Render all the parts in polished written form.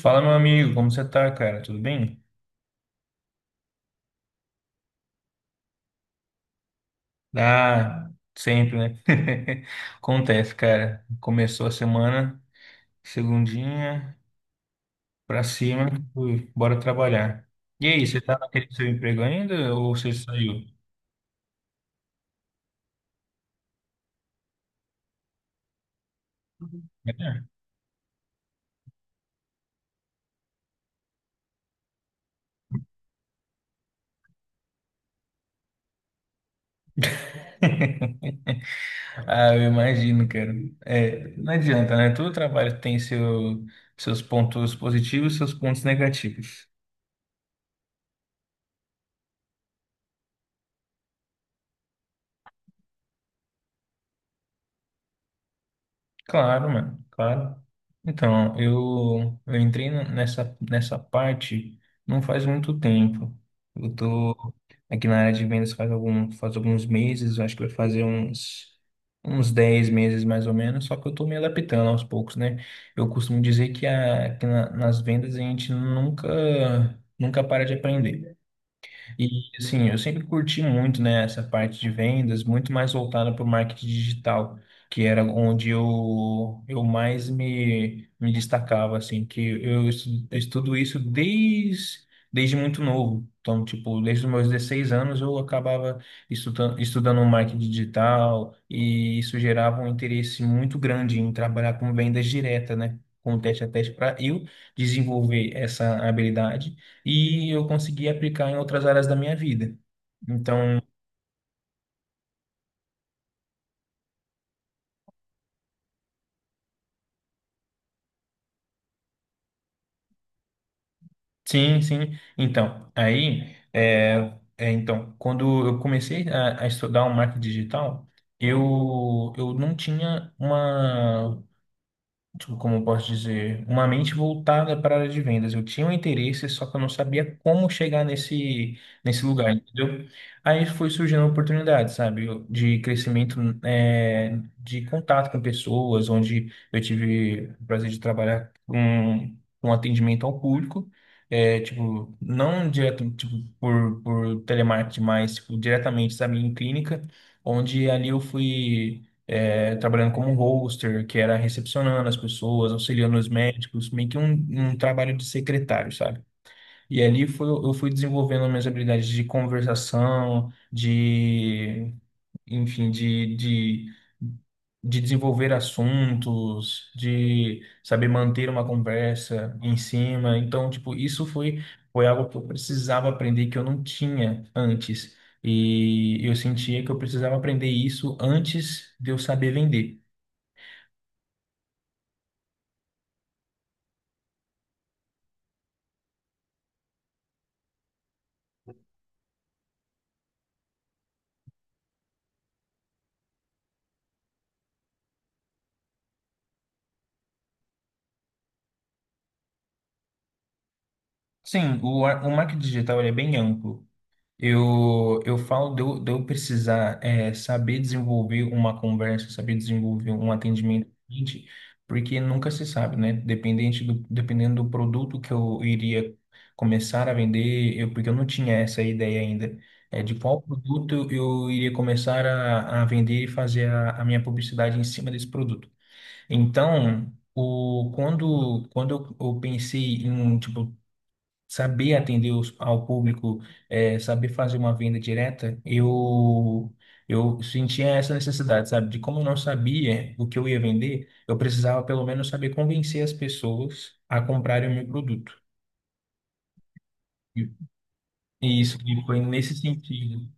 Fala, meu amigo, como você tá, cara? Tudo bem? Ah, sempre, né? Acontece, cara. Começou a semana, segundinha, pra cima, fui, bora trabalhar. E aí, você tá naquele seu emprego ainda ou você saiu? É. Ah, eu imagino, cara. É, não adianta, né? Todo trabalho tem seus pontos positivos e seus pontos negativos. Claro, mano, claro. Então, eu entrei nessa parte não faz muito tempo. Eu tô aqui na área de vendas faz alguns meses, eu acho que vai fazer uns, uns 10 meses mais ou menos, só que eu tô me adaptando aos poucos, né? Eu costumo dizer que nas vendas a gente nunca para de aprender. E assim, eu sempre curti muito, né, essa parte de vendas, muito mais voltada para o marketing digital, que era onde eu mais me destacava, assim, que eu estudo isso desde muito novo. Então, tipo, desde os meus 16 anos eu acabava estudando um marketing digital, e isso gerava um interesse muito grande em trabalhar com vendas direta, né? Com teste a teste para eu desenvolver essa habilidade e eu consegui aplicar em outras áreas da minha vida. Então, sim, sim. Então, aí, então, quando eu comecei a estudar o marketing digital, eu não tinha uma, tipo, como eu posso dizer, uma mente voltada para a área de vendas. Eu tinha um interesse, só que eu não sabia como chegar nesse lugar, entendeu? Aí foi surgindo oportunidade, sabe, de crescimento, de contato com pessoas, onde eu tive o prazer de trabalhar com atendimento ao público. É, tipo, não direto, tipo, por telemarketing, mas, tipo, diretamente, sabe, em clínica, onde ali eu fui, trabalhando como roster, que era recepcionando as pessoas, auxiliando os médicos, meio que um trabalho de secretário, sabe? E ali foi, eu fui desenvolvendo minhas habilidades de conversação, de, enfim, de desenvolver assuntos, de saber manter uma conversa em cima. Então, tipo, isso foi, foi algo que eu precisava aprender que eu não tinha antes. E eu sentia que eu precisava aprender isso antes de eu saber vender. Sim, o marketing digital ele é bem amplo. Eu falo de eu precisar, saber desenvolver uma conversa, saber desenvolver um atendimento ao cliente, porque nunca se sabe, né? Dependendo do produto que eu iria começar a vender, porque eu não tinha essa ideia ainda, de qual produto eu iria começar a vender e fazer a minha publicidade em cima desse produto. Então, quando eu pensei em, tipo, saber atender ao público, saber fazer uma venda direta, eu sentia essa necessidade, sabe? De como eu não sabia o que eu ia vender, eu precisava pelo menos saber convencer as pessoas a comprarem o meu produto. E e isso que foi nesse sentido.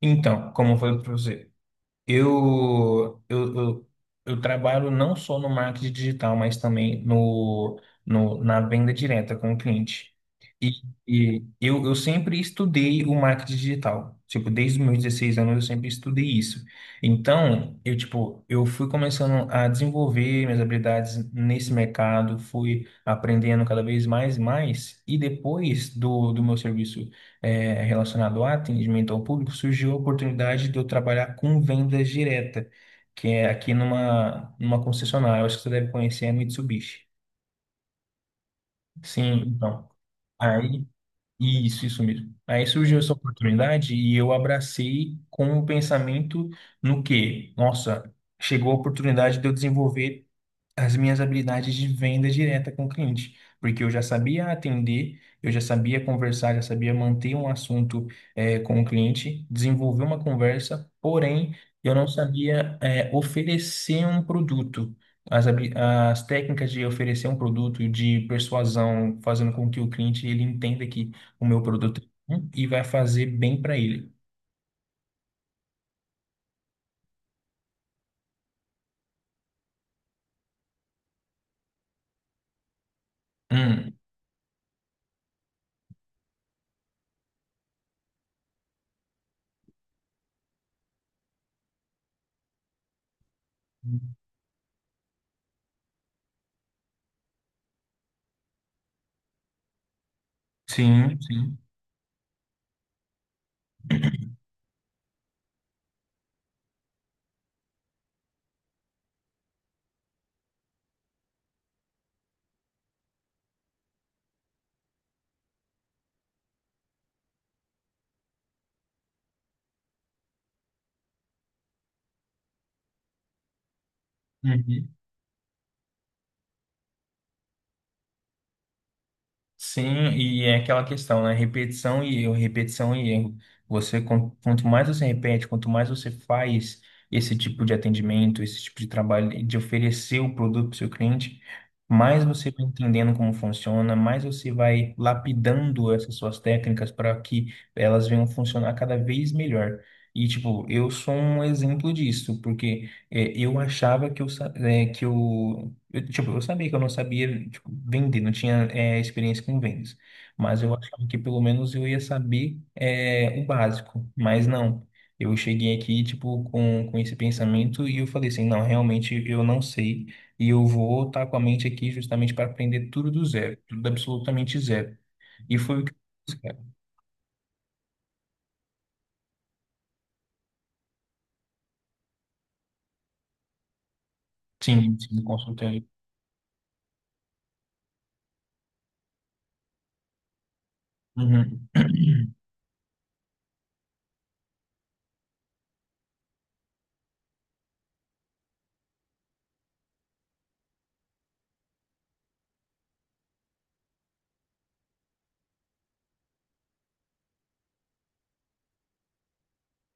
Então, como foi para você? Eu, eu, eu, eu trabalho não só no marketing digital, mas também no, no, na venda direta com o cliente. E, e eu sempre estudei o marketing digital. Tipo, desde os meus 16 anos eu sempre estudei isso. Então, tipo, eu fui começando a desenvolver minhas habilidades nesse mercado, fui aprendendo cada vez mais e mais. E depois do meu serviço, relacionado a atendimento ao público, surgiu a oportunidade de eu trabalhar com vendas direta, que é aqui numa, numa concessionária, eu acho que você deve conhecer, a Mitsubishi. Sim, então, aí, isso mesmo. Aí surgiu essa oportunidade e eu abracei com o pensamento, no que, nossa, chegou a oportunidade de eu desenvolver as minhas habilidades de venda direta com o cliente, porque eu já sabia atender, eu já sabia conversar, já sabia manter um assunto, com o cliente, desenvolver uma conversa, porém eu não sabia, oferecer um produto. As técnicas de oferecer um produto, de persuasão, fazendo com que o cliente ele entenda que o meu produto é bom e vai fazer bem para ele. Hum. Sim, sim. Uhum. Sim, e é aquela questão, né? Repetição e erro, repetição e erro. Você, quanto mais você repete, quanto mais você faz esse tipo de atendimento, esse tipo de trabalho, de oferecer o produto para o seu cliente, mais você vai entendendo como funciona, mais você vai lapidando essas suas técnicas para que elas venham funcionar cada vez melhor. E, tipo, eu sou um exemplo disso, porque eu achava que eu sabia que eu não sabia, tipo, vender, não tinha, experiência com vendas. Mas eu achava que pelo menos eu ia saber, o básico. Mas não. Eu cheguei aqui, tipo, com esse pensamento, e eu falei assim, não, realmente eu não sei. E eu vou estar com a mente aqui justamente para aprender tudo do zero. Tudo absolutamente zero. E foi o que eu fiz, cara. Sim, sim, consultei. Uhum.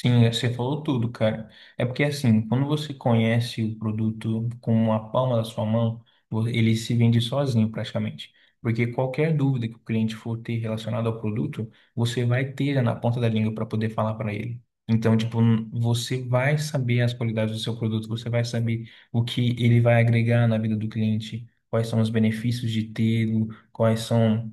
Sim, é, você falou tudo, cara. É porque assim, quando você conhece o produto com a palma da sua mão, ele se vende sozinho praticamente. Porque qualquer dúvida que o cliente for ter relacionada ao produto, você vai ter na ponta da língua para poder falar para ele. Então, tipo, você vai saber as qualidades do seu produto, você vai saber o que ele vai agregar na vida do cliente, quais são os benefícios de tê-lo, quais são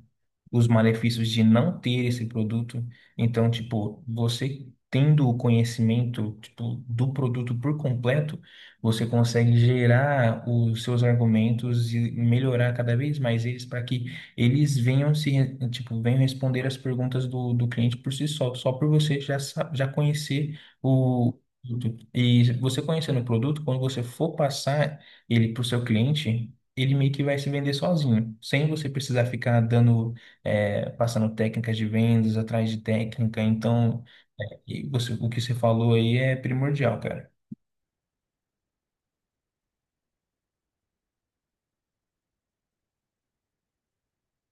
os malefícios de não ter esse produto. Então, tipo, você tendo o conhecimento, tipo, do produto por completo, você consegue gerar os seus argumentos e melhorar cada vez mais eles para que eles venham se, re- tipo, venham responder as perguntas do cliente por si só, só por você já conhecer o produto. E você conhecendo o produto, quando você for passar ele para o seu cliente, ele meio que vai se vender sozinho, sem você precisar ficar dando, passando técnicas de vendas atrás de técnica. Então, e você, o que você falou aí é primordial, cara.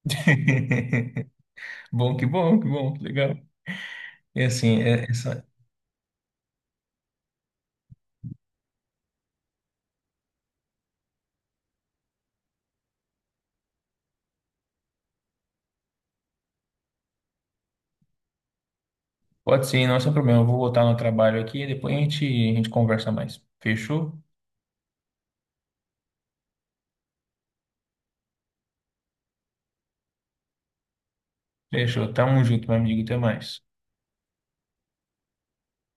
Bom, que bom, que bom, que legal. E assim, essa, pode ser, não é só problema. Eu vou voltar no trabalho aqui e depois a gente conversa mais. Fechou? Fechou. Tamo junto, meu amigo. Até mais.